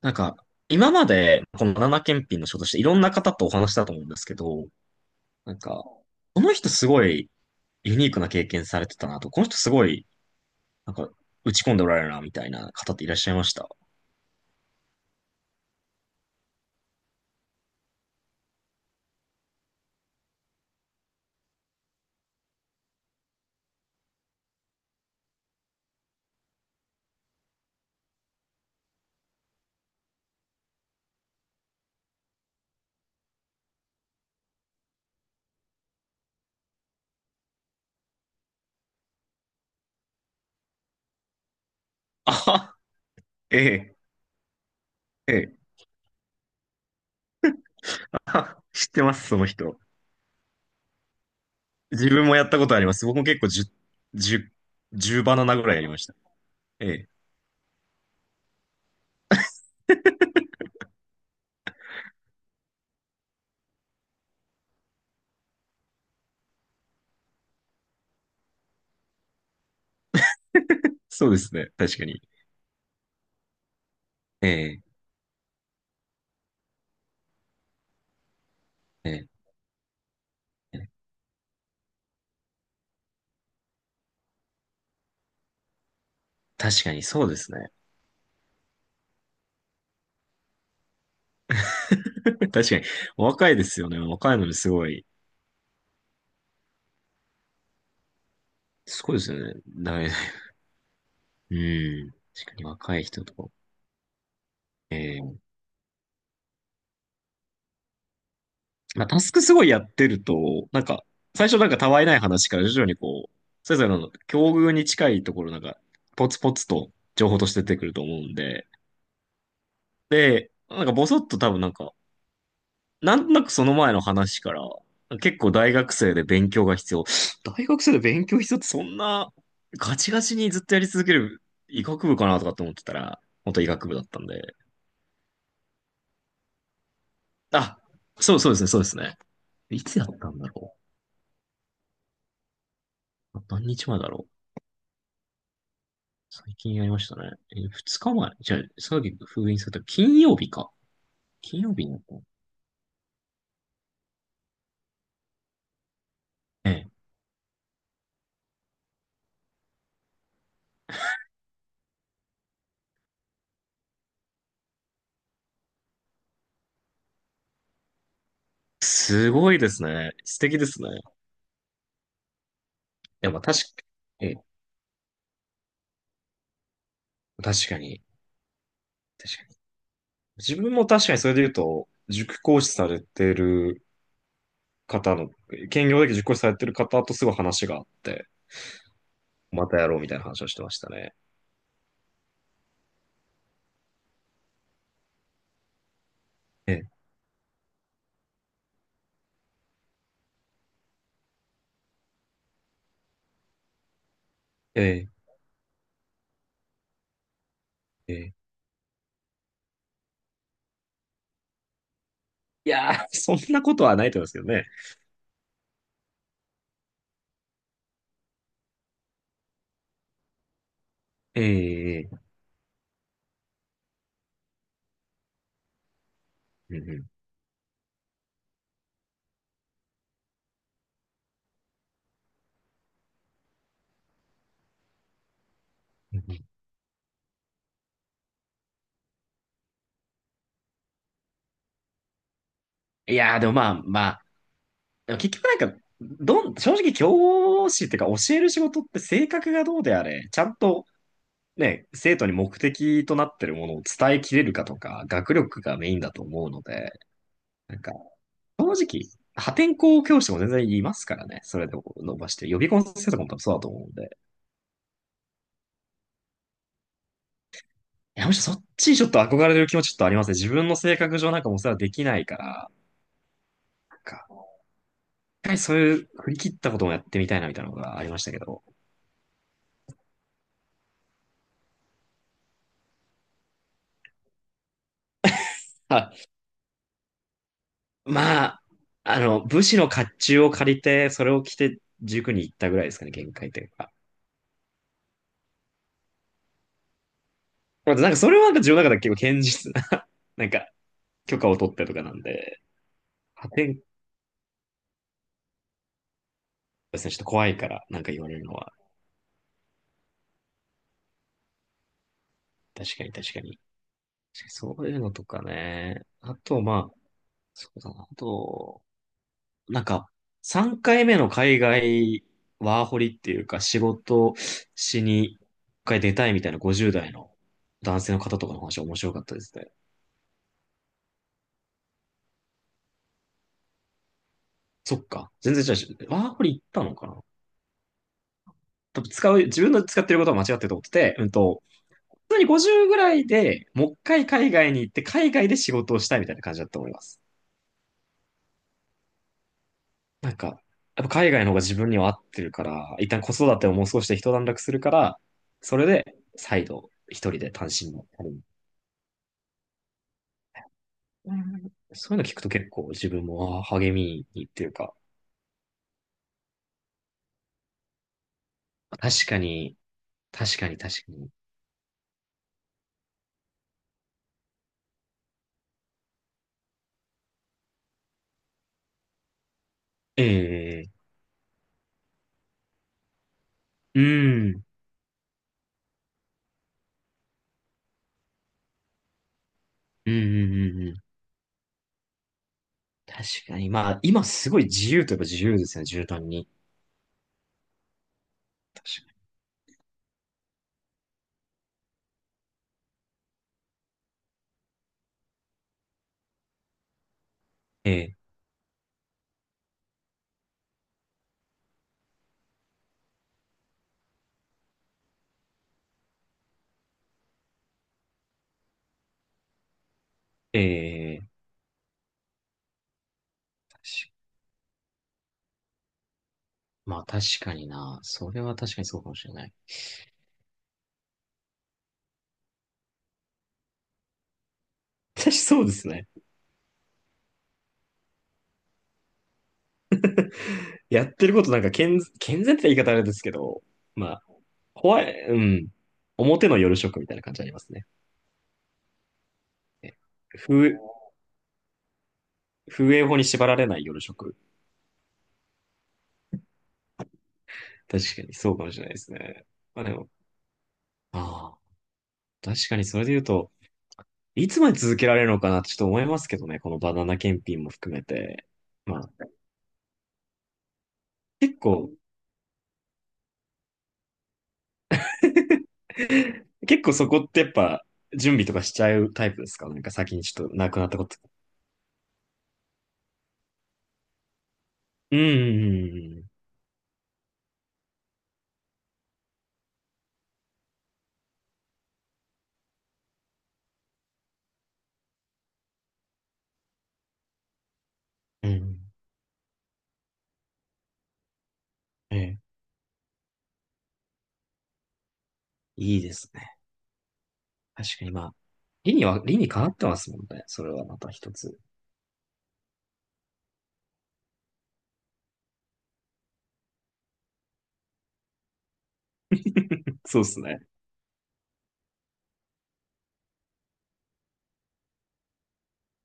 なんか、今まで、このバナナ検品の仕事していろんな方とお話したと思うんですけど、なんか、この人すごいユニークな経験されてたなと、この人すごい、なんか、打ち込んでおられるな、みたいな方っていらっしゃいました？あは、ええ、ええ、あは知ってます、その人。自分もやったことあります。僕も結構10、10、10バナナぐらいやりました。ええ、そうですね、確かに。ええ、ええ、ええ、確かにそうですね。確かに。お若いですよね。お若いのにすごい。すごいですよね。だめだ。うん。確かに若い人とか。ええ、まあ、タスクすごいやってると、なんか、最初なんかたわいない話から徐々にこう、それぞれの境遇に近いところなんか、ポツポツと情報として出てくると思うんで、で、なんかボソッと多分なんか、なんとなくその前の話から、結構大学生で勉強が必要。大学生で勉強必要ってそんなガチガチにずっとやり続ける医学部かなとかって思ってたら、本当医学部だったんで。あ、そうそうですね、そうですね。いつやったんだろう？何日前だろう？最近やりましたね。え、二日前？じゃあ、さっき封印された金曜日か。金曜日にやったの？ええ。すごいですね。素敵ですね。いや、まあ確か、ええ、確かに。確かに。自分も確かにそれで言うと、塾講師されてる方の、兼業だけ塾講師されてる方とすごい話があって、またやろうみたいな話をしてましたね。ええ、ええ、ええ。いやー、そんなことはないと思いますけどね。ええ、ええ、うんうん。いやー、でもまあまあ、でも結局なんか、正直教師っていうか教える仕事って性格がどうであれ、ちゃんとね、生徒に目的となってるものを伝えきれるかとか、学力がメインだと思うので、なんか、正直、破天荒教師も全然いますからね。それでも伸ばして。予備校の先生とかも多分そうだと思うんで。いや、むしろそっちにちょっと憧れる気持ちちょっとありますね。自分の性格上なんかもうそれはできないから、なんか、一回そういう振り切ったこともやってみたいなみたいなのがありましたけど。はい、まあ、武士の甲冑を借りて、それを着て塾に行ったぐらいですかね、限界というか。なんかそれはなんか自分の中では結構堅実な なんか許可を取ってとかなんで、破天荒ですね、ちょっと怖いから、なんか言われるのは、確かに確かに。そういうのとかね。あと、まあ、そうだな。あと、なんか、3回目の海外ワーホリっていうか、仕事しに一回出たいみたいな50代の男性の方とかの話面白かったですね。そっか。全然違うし、ワーこリ行ったのかな？多分使う、自分の使ってることは間違ってると思ってて、普通に50ぐらいでもう一回海外に行って、海外で仕事をしたいみたいな感じだと思います。なんか、やっぱ海外の方が自分には合ってるから、一旦子育てをもう少しで一段落するから、それで再度一人で単身の旅に。うん、そういうの聞くと結構自分も励みにっていうか、確かに、確かに確かに。ええ、うん、うん、うん、うん、うん。確かに。まあ、今すごい自由といえば自由ですね、絨毯に。確かに。ええ、ええ、確かまあ確かにな。それは確かにそうかもしれない。私そうですね。やってることなんか健全って言い方あれですけど、まあ、怖い、うん。表の夜食みたいな感じありますね。え、風、風営法に縛られない夜食。確かにそうかもしれないですね。まあでも、ああ、確かにそれで言うと、いつまで続けられるのかなってちょっと思いますけどね、このバナナ検品も含めて。まあ、結構、結構そこってやっぱ準備とかしちゃうタイプですか？なんか先にちょっと亡くなったこと。うんうんうんうん。うん、ええ、いいですね。確かにまあ、理にかなってますもんね。それはまた一つ。そうですね。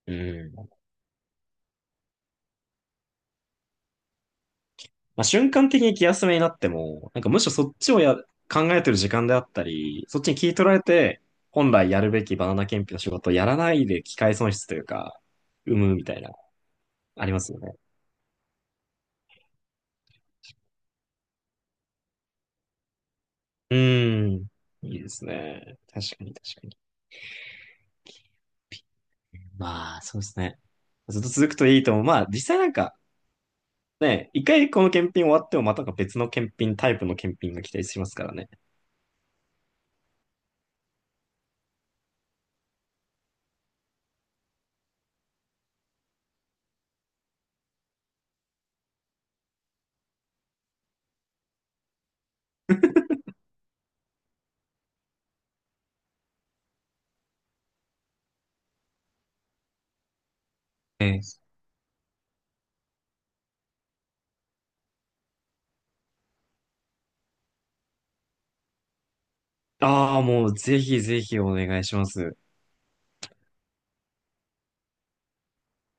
うん。まあ、瞬間的に気休めになっても、なんかむしろそっちをや、考えてる時間であったり、そっちに聞い取られて、本来やるべきバナナ検品の仕事をやらないで機会損失というか、生むみたいな、ありますよね。うーん。いいですね。確かに確かに。まあ、そうですね。ずっと続くといいと思う。まあ、実際なんか、ね、一回この検品終わってもまたなんか別の検品、タイプの検品が期待しますからね。ええ。ああ、もうぜひぜひお願いします。